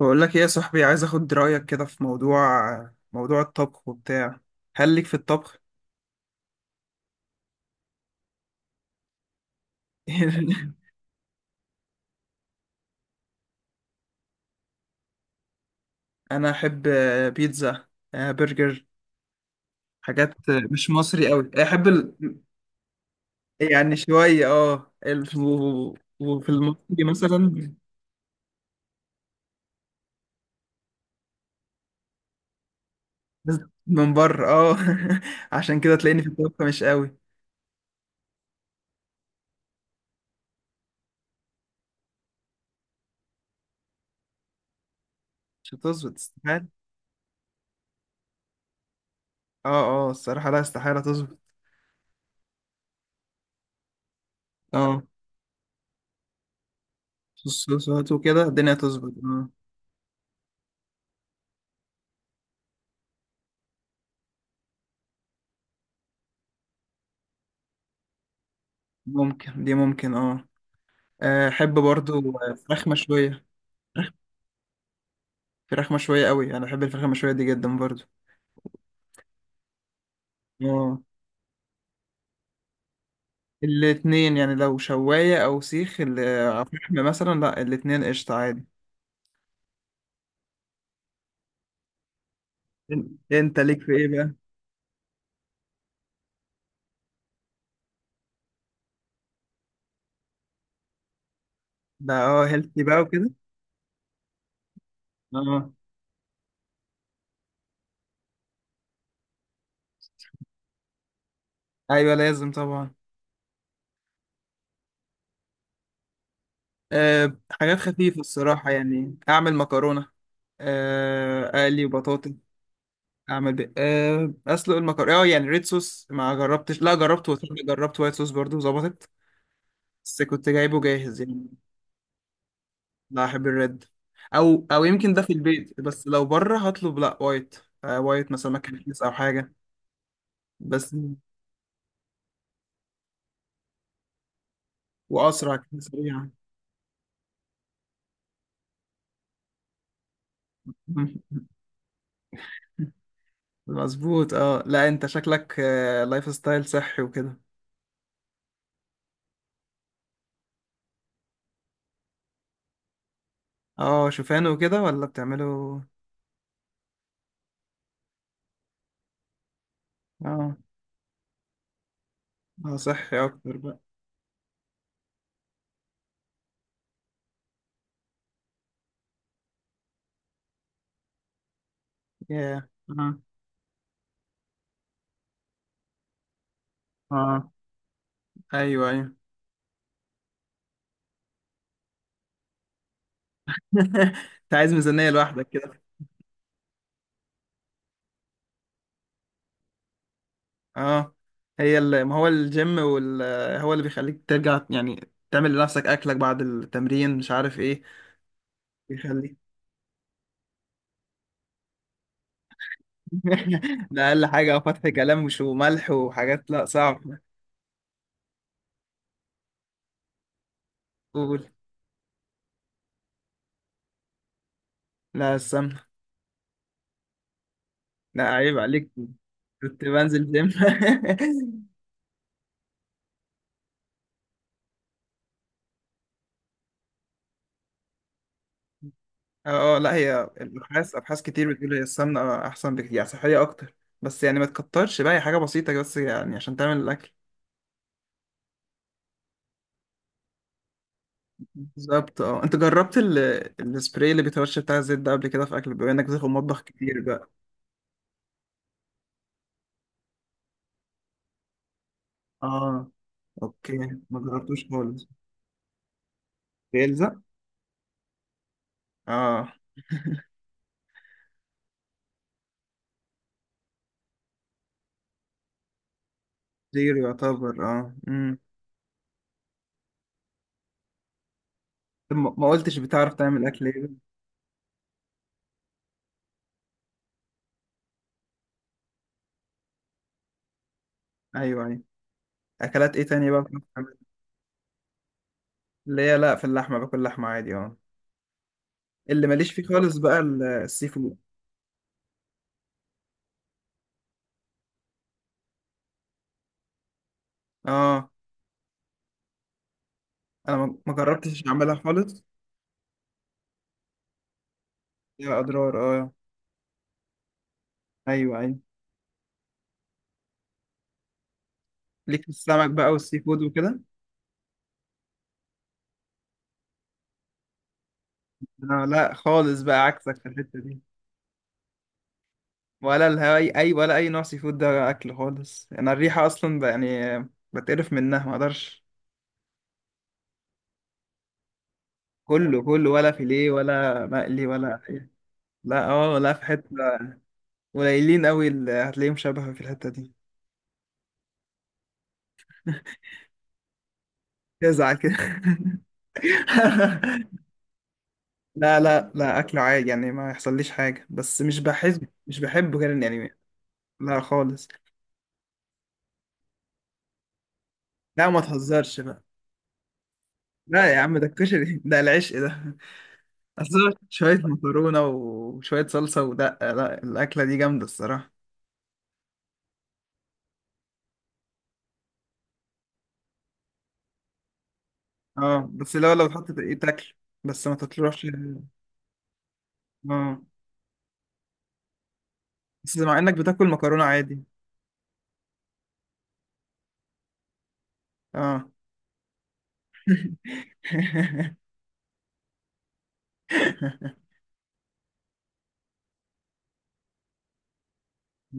بقول لك ايه يا صاحبي، عايز اخد رايك كده في موضوع الطبخ وبتاع. هل ليك في الطبخ؟ انا احب، بيتزا، برجر، حاجات مش مصري قوي. احب يعني شويه، وفي المصري مثلا. بس من بره. اه عشان كده تلاقيني في الطبخ مش قوي. مش هتظبط، استحاله. اه، الصراحه لا، استحاله تظبط. اه، الصوصات وكده الدنيا تظبط. اه، ممكن دي، ممكن. احب برضو، فراخ مشويه. فراخ مشويه قوي، انا بحب الفراخ المشويه دي جدا برضو. اه، الاتنين يعني، لو شوايه او سيخ فحم مثلا. لا، الاتنين قشطه عادي. إن- انت ليك في ايه بقى؟ ده هيلثي بقى وكده. اه، ايوه لازم طبعا. حاجات خفيفه الصراحه، يعني اعمل مكرونه، اقلي بطاطا. اعمل بي... أه اسلق المكرونه. اه يعني ريد صوص، ما جربتش. لا جربت، وصدق جربت وايت صوص برضو ظبطت. بس كنت جايبه جاهز يعني. لا، احب الريد. او يمكن ده في البيت، بس لو بره هطلب لا، وايت. آه، وايت مثلا مكان كيس او حاجه بس. واسرع كده، سريع. مظبوط. اه لا، انت شكلك لايف ستايل صحي وكده. اه، شوفان وكده ولا بتعمله؟ اه اه، صحي اكتر بقى. ياه. اه اه، ايوه ايوه. انت عايز ميزانيه لوحدك كده؟ اه، ما هو الجيم هو اللي بيخليك ترجع يعني، تعمل لنفسك اكلك بعد التمرين، مش عارف ايه. بيخليك. ده اقل حاجه، او فتح كلام مش وملح وحاجات. لا، صعب. قول. لا، السمنه. لا عيب عليك، كنت بنزل جيم. لا، هي الابحاث، ابحاث كتير بتقول هي السمنه احسن بكتير يعني، صحيه اكتر. بس يعني ما تكترش بقى، هي حاجه بسيطه بس يعني عشان تعمل الاكل. بالظبط. اه، انت جربت السبراي اللي بيترش بتاع الزيت ده قبل كده في اكل؟ بما انك بتدخل مطبخ كتير بقى. اه، اوكي. ما جربتوش خالص. بيلزق. اه. زيرو يعتبر. اه طب، ما قلتش بتعرف تعمل اكل ايه؟ ايوه، ايوه. اكلات ايه تانية بقى بتعرف تعمل؟ اللي هي لا، في اللحمه باكل لحمه عادي. اه. اللي ماليش فيه خالص بقى السي فود. اه، انا ما جربتش اعملها خالص. يا اضرار. اه، ايوه ايوه. ليك في السمك بقى والسي فود وكده؟ انا لا خالص بقى، عكسك في الحتة دي. ولا الهواي، اي ولا اي نوع سي فود ده اكل خالص. انا الريحة اصلا، يعني بتقرف منها، ما اقدرش. كله كله، ولا فيليه ولا مقلي ولا لا. اه لا، في حتة قليلين قوي اللي هتلاقيهم شبه في الحتة دي. تزعل كده. لا لا لا، اكله عادي يعني، ما يحصليش حاجه، بس مش بحس، مش بحبه كده يعني. لا خالص. لا ما تهزرش بقى. لا يا عم، ده الكشري ده العشق ده. أصل شوية مكرونة وشوية صلصة ودقة، لا الأكلة دي جامدة الصراحة. اه، بس لو اتحطت، ايه تاكل؟ بس ما تطلعش. اه، بس مع انك بتاكل مكرونة عادي. اه.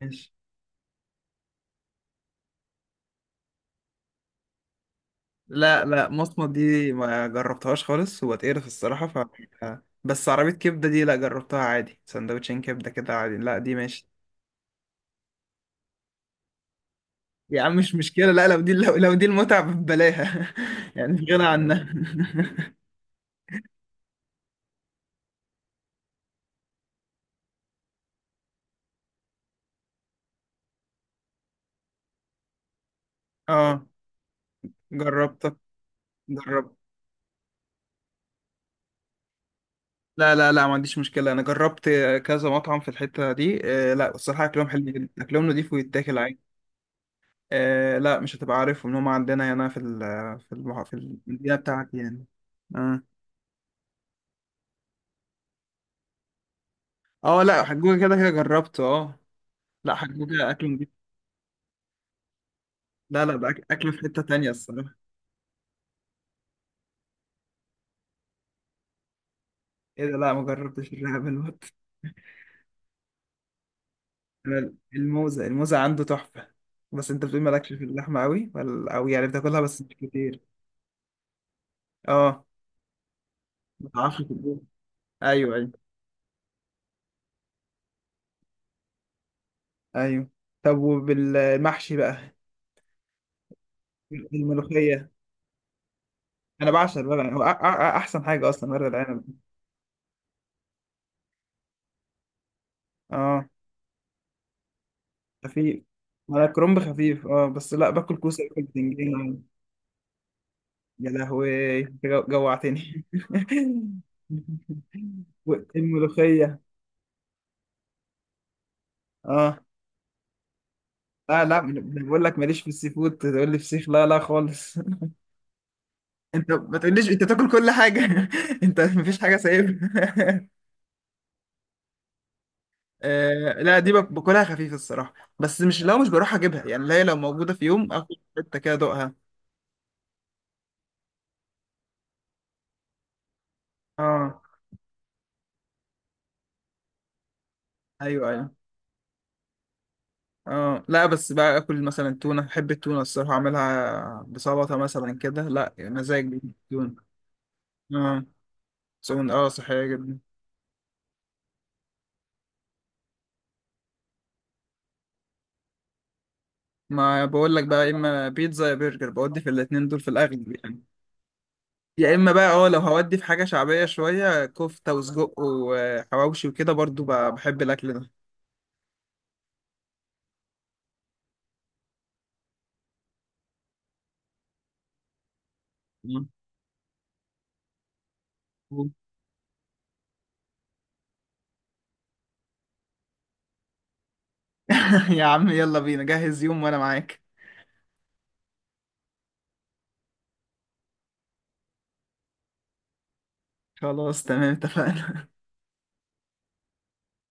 ماشي. لا لا، مصمت دي ما جربتهاش خالص، وبتقرف الصراحة. بس عربية كبدة دي لا، جربتها عادي. سندوتشين كبدة كده عادي، لا دي ماشي. يا عم مش مشكلة. لا لو دي، لو دي المتعة ببلاها. يعني مش غنى عنها. اه، جربتها جربت. لا لا لا، ما عنديش مشكلة، أنا جربت كذا مطعم في الحتة دي. لا، الصراحة أكلهم حلو جدا، أكلهم نضيف ويتاكل عادي. لا، مش هتبقى عارفهم إن هم عندنا هنا في ال في المح... في المدينة بتاعك يعني. آه. أه، لا حجوجة كده كده جربته. لا، حجوجة أكل نضيف. لا لا، ده أكل في حتة تانية الصراحة. إيه ده؟ لا، ما جربتش الرقاب الوقت. أنا الموزة عنده تحفة. بس أنت بتقول مالكش في اللحمة أوي ولا أوي يعني، بتاكلها بس مش كتير؟ أه ما تعرفش تطبخ. أيوه، أيوه. ايوه. طب وبالمحشي بقى؟ الملوخيه. انا بعشق الورق العنب، هو احسن حاجه اصلا ورق العنب. اه، خفيف. انا كرنب خفيف، بس لا، باكل كوسه، باكل بتنجان. يا لهوي أنت جوعتني. والملوخيه. اه، لا لا، أنا بقول لك ماليش في السي فود تقول لي فسيخ؟ لا لا خالص. انت ما تقوليش انت تاكل كل حاجه؟ انت مفيش حاجه سايبها. آه، لا دي باكلها خفيف الصراحة، بس مش، لو مش بروح اجيبها يعني. اللي هي لو موجودة في يوم، اخد حتة كده ادوقها. اه، ايوه ايوه. اه، لا بس بقى اكل مثلا تونة. بحب التونة الصراحة، اعملها بسلطة مثلا كده. لا، مزاج بالتونة. اه، تونة صحية جدا. ما بقول لك بقى، يا اما بيتزا يا برجر، بودي في الاتنين دول في الاغلب يعني. يا اما بقى لو هودي في حاجة شعبية شوية، كفتة وسجق وحواوشي وكده، برضو بحب الاكل ده. مم. يا عم يلا بينا، جهز يوم وانا معاك. خلاص تمام، اتفقنا.